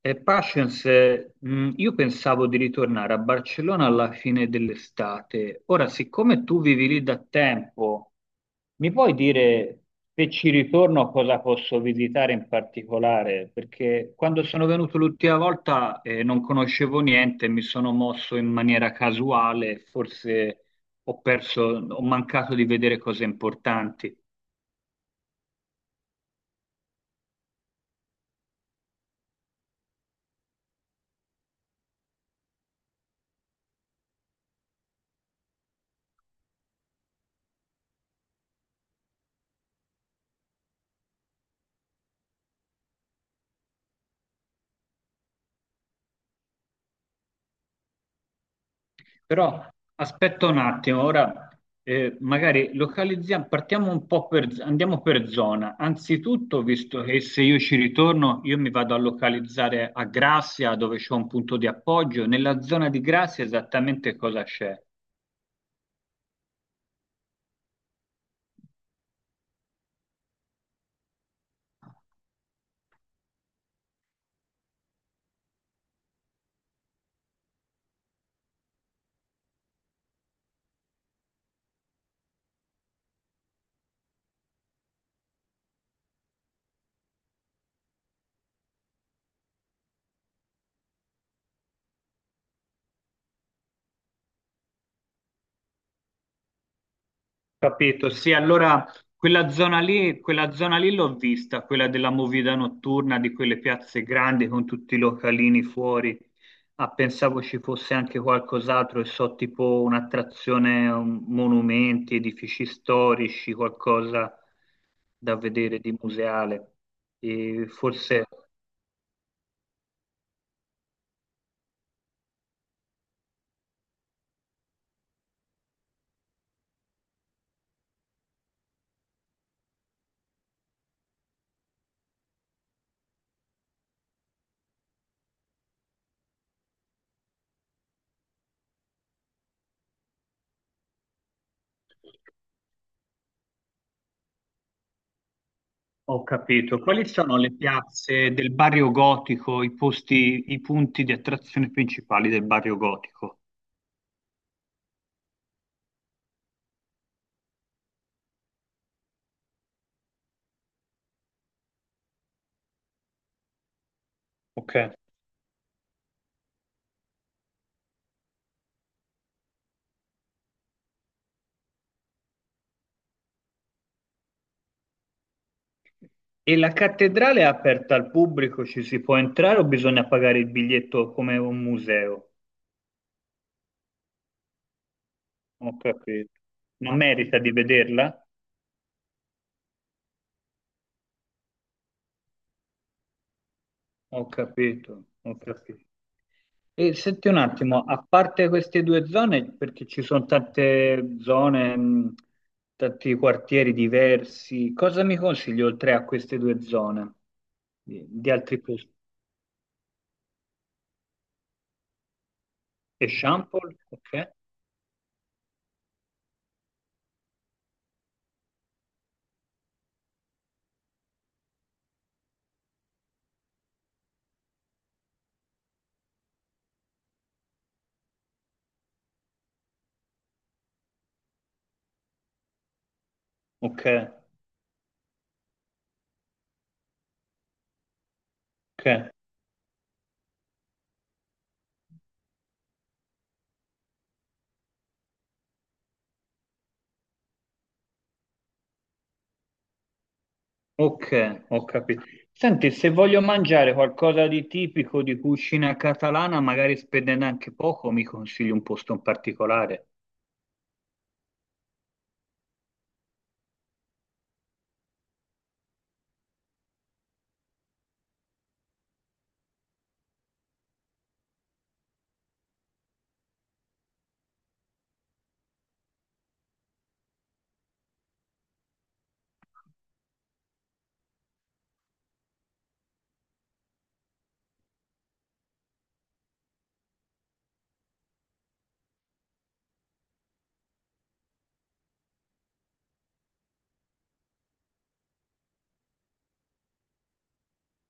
Patience, io pensavo di ritornare a Barcellona alla fine dell'estate. Ora, siccome tu vivi lì da tempo, mi puoi dire se ci ritorno cosa posso visitare in particolare? Perché quando sono venuto l'ultima volta, non conoscevo niente, mi sono mosso in maniera casuale, forse ho perso, ho mancato di vedere cose importanti. Però aspetta un attimo, ora magari localizziamo, partiamo un po' per, andiamo per zona. Anzitutto, visto che se io ci ritorno, io mi vado a localizzare a Grazia, dove c'è un punto di appoggio. Nella zona di Grazia esattamente cosa c'è? Capito, sì, allora quella zona lì l'ho vista, quella della movida notturna, di quelle piazze grandi con tutti i localini fuori. Ah, pensavo ci fosse anche qualcos'altro, e so, tipo un'attrazione, monumenti, edifici storici, qualcosa da vedere di museale. E forse ho capito. Quali sono le piazze del barrio gotico, i posti, i punti di attrazione principali del barrio gotico? Ok. E la cattedrale è aperta al pubblico, ci si può entrare o bisogna pagare il biglietto come un museo? Ho capito. Ma merita di vederla? Ho capito, ho capito. E senti un attimo, a parte queste due zone, perché ci sono tante zone, tanti quartieri diversi, cosa mi consigli oltre a queste due zone di altri posti? Eixample? Ok, ok, ok. Ok, ho capito. Senti, se voglio mangiare qualcosa di tipico di cucina catalana, magari spendendo anche poco, mi consigli un posto in particolare.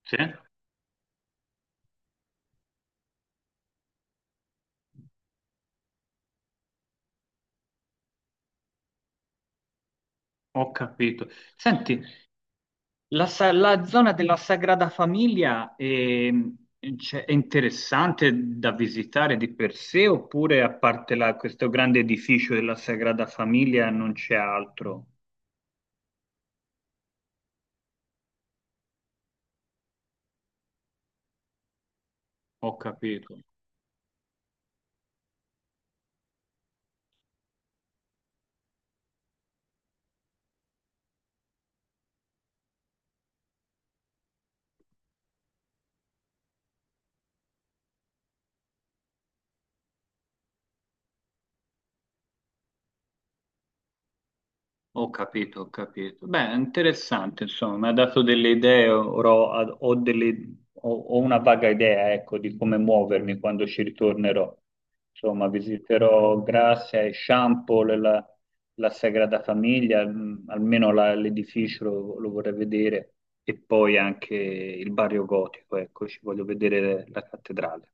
Sì, ho capito. Senti, la zona della Sagrada Famiglia cioè, è, interessante da visitare di per sé, oppure a parte questo grande edificio della Sagrada Famiglia non c'è altro? Ho capito. Ho capito, ho capito. Beh, è interessante, insomma, mi ha dato delle idee, ora ho, ho delle- ho- ho una vaga idea, ecco, di come muovermi quando ci ritornerò. Insomma, visiterò Grazia e Champol, la, la Sagrada Famiglia, almeno l'edificio lo, lo vorrei vedere, e poi anche il barrio gotico, ecco, ci voglio vedere la cattedrale.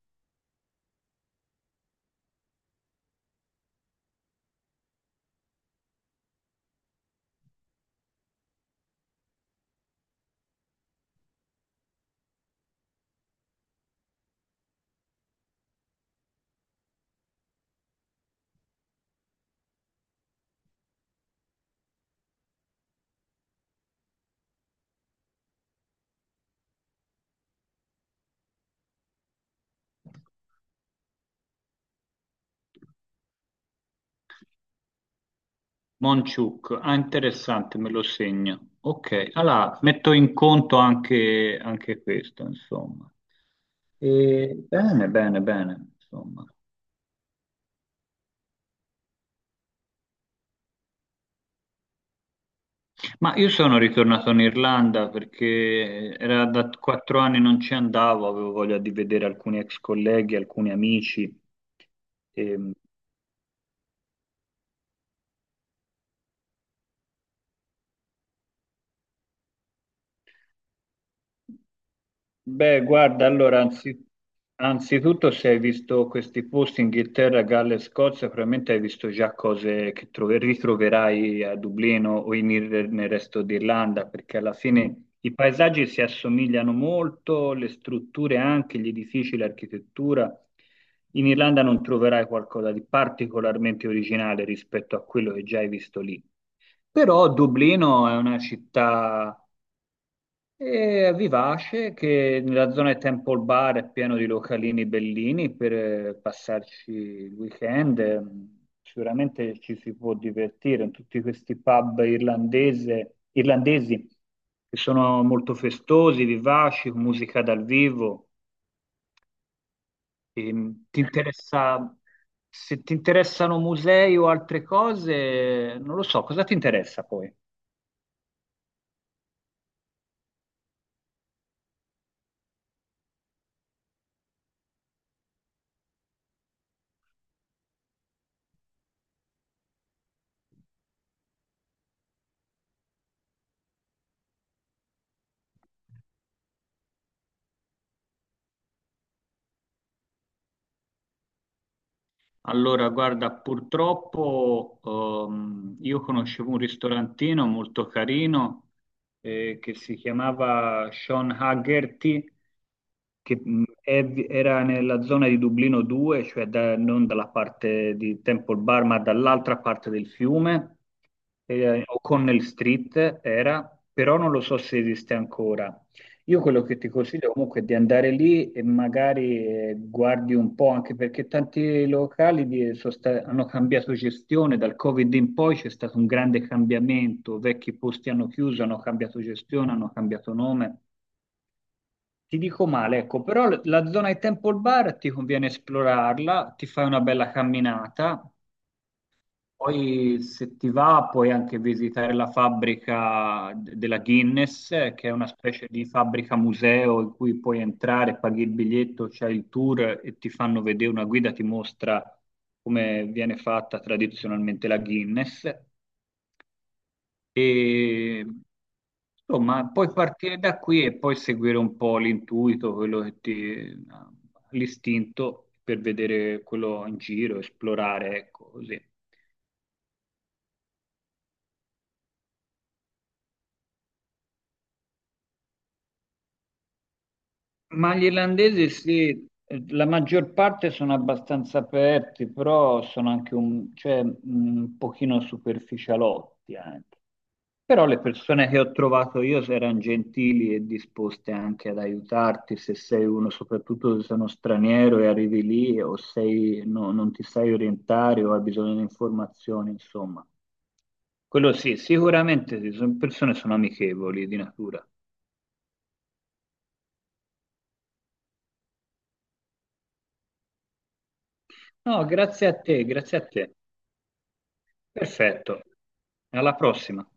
Monciuc, ah interessante, me lo segno. Ok, allora metto in conto anche, anche questo, insomma. E bene, bene, bene, insomma. Ma io sono ritornato in Irlanda perché era da 4 anni non ci andavo, avevo voglia di vedere alcuni ex colleghi, alcuni amici. ehm, Beh, guarda, anzitutto se hai visto questi posti, Inghilterra, Galles, Scozia, probabilmente hai visto già cose che ritroverai a Dublino o in nel resto d'Irlanda, perché alla fine i paesaggi si assomigliano molto, le strutture anche, gli edifici, l'architettura. In Irlanda non troverai qualcosa di particolarmente originale rispetto a quello che già hai visto lì. Però Dublino è una città e vivace che nella zona di Temple Bar è pieno di localini bellini per passarci il weekend. Sicuramente ci si può divertire in tutti questi irlandesi che sono molto festosi, vivaci, con musica dal vivo. Ti interessa, se ti interessano musei o altre cose, non lo so, cosa ti interessa poi? Allora, guarda, purtroppo io conoscevo un ristorantino molto carino che si chiamava Sean Haggerty che era nella zona di Dublino 2, cioè non dalla parte di Temple Bar, ma dall'altra parte del fiume, O'Connell Street era, però non lo so se esiste ancora. Io quello che ti consiglio comunque è di andare lì e magari guardi un po', anche perché tanti locali di- sono sta- hanno cambiato gestione, dal Covid in poi c'è stato un grande cambiamento, vecchi posti hanno chiuso, hanno cambiato gestione, hanno cambiato nome. Ti dico male, ecco, però la zona di Temple Bar ti conviene esplorarla, ti fai una bella camminata, poi se ti va puoi anche visitare la della Guinness, che è una specie di fabbrica museo in cui puoi entrare, paghi il biglietto, c'hai il tour e ti fanno vedere, una guida ti mostra come viene fatta tradizionalmente la Guinness. E, insomma, puoi partire da qui e poi seguire un po' l'intuito, quello che ti, l'istinto per vedere quello in giro, esplorare, ecco, così. Ma gli irlandesi sì, la maggior parte sono abbastanza aperti, però sono anche un, cioè, un pochino superficialotti anche. Però le persone che ho trovato io erano gentili e disposte anche ad aiutarti se sei uno, soprattutto se sei uno straniero e arrivi lì o sei, non ti sai orientare o hai bisogno di informazioni, insomma. Quello sì, sicuramente sì, sono persone sono amichevoli di natura. No, grazie a te, grazie a te. Perfetto. Alla prossima.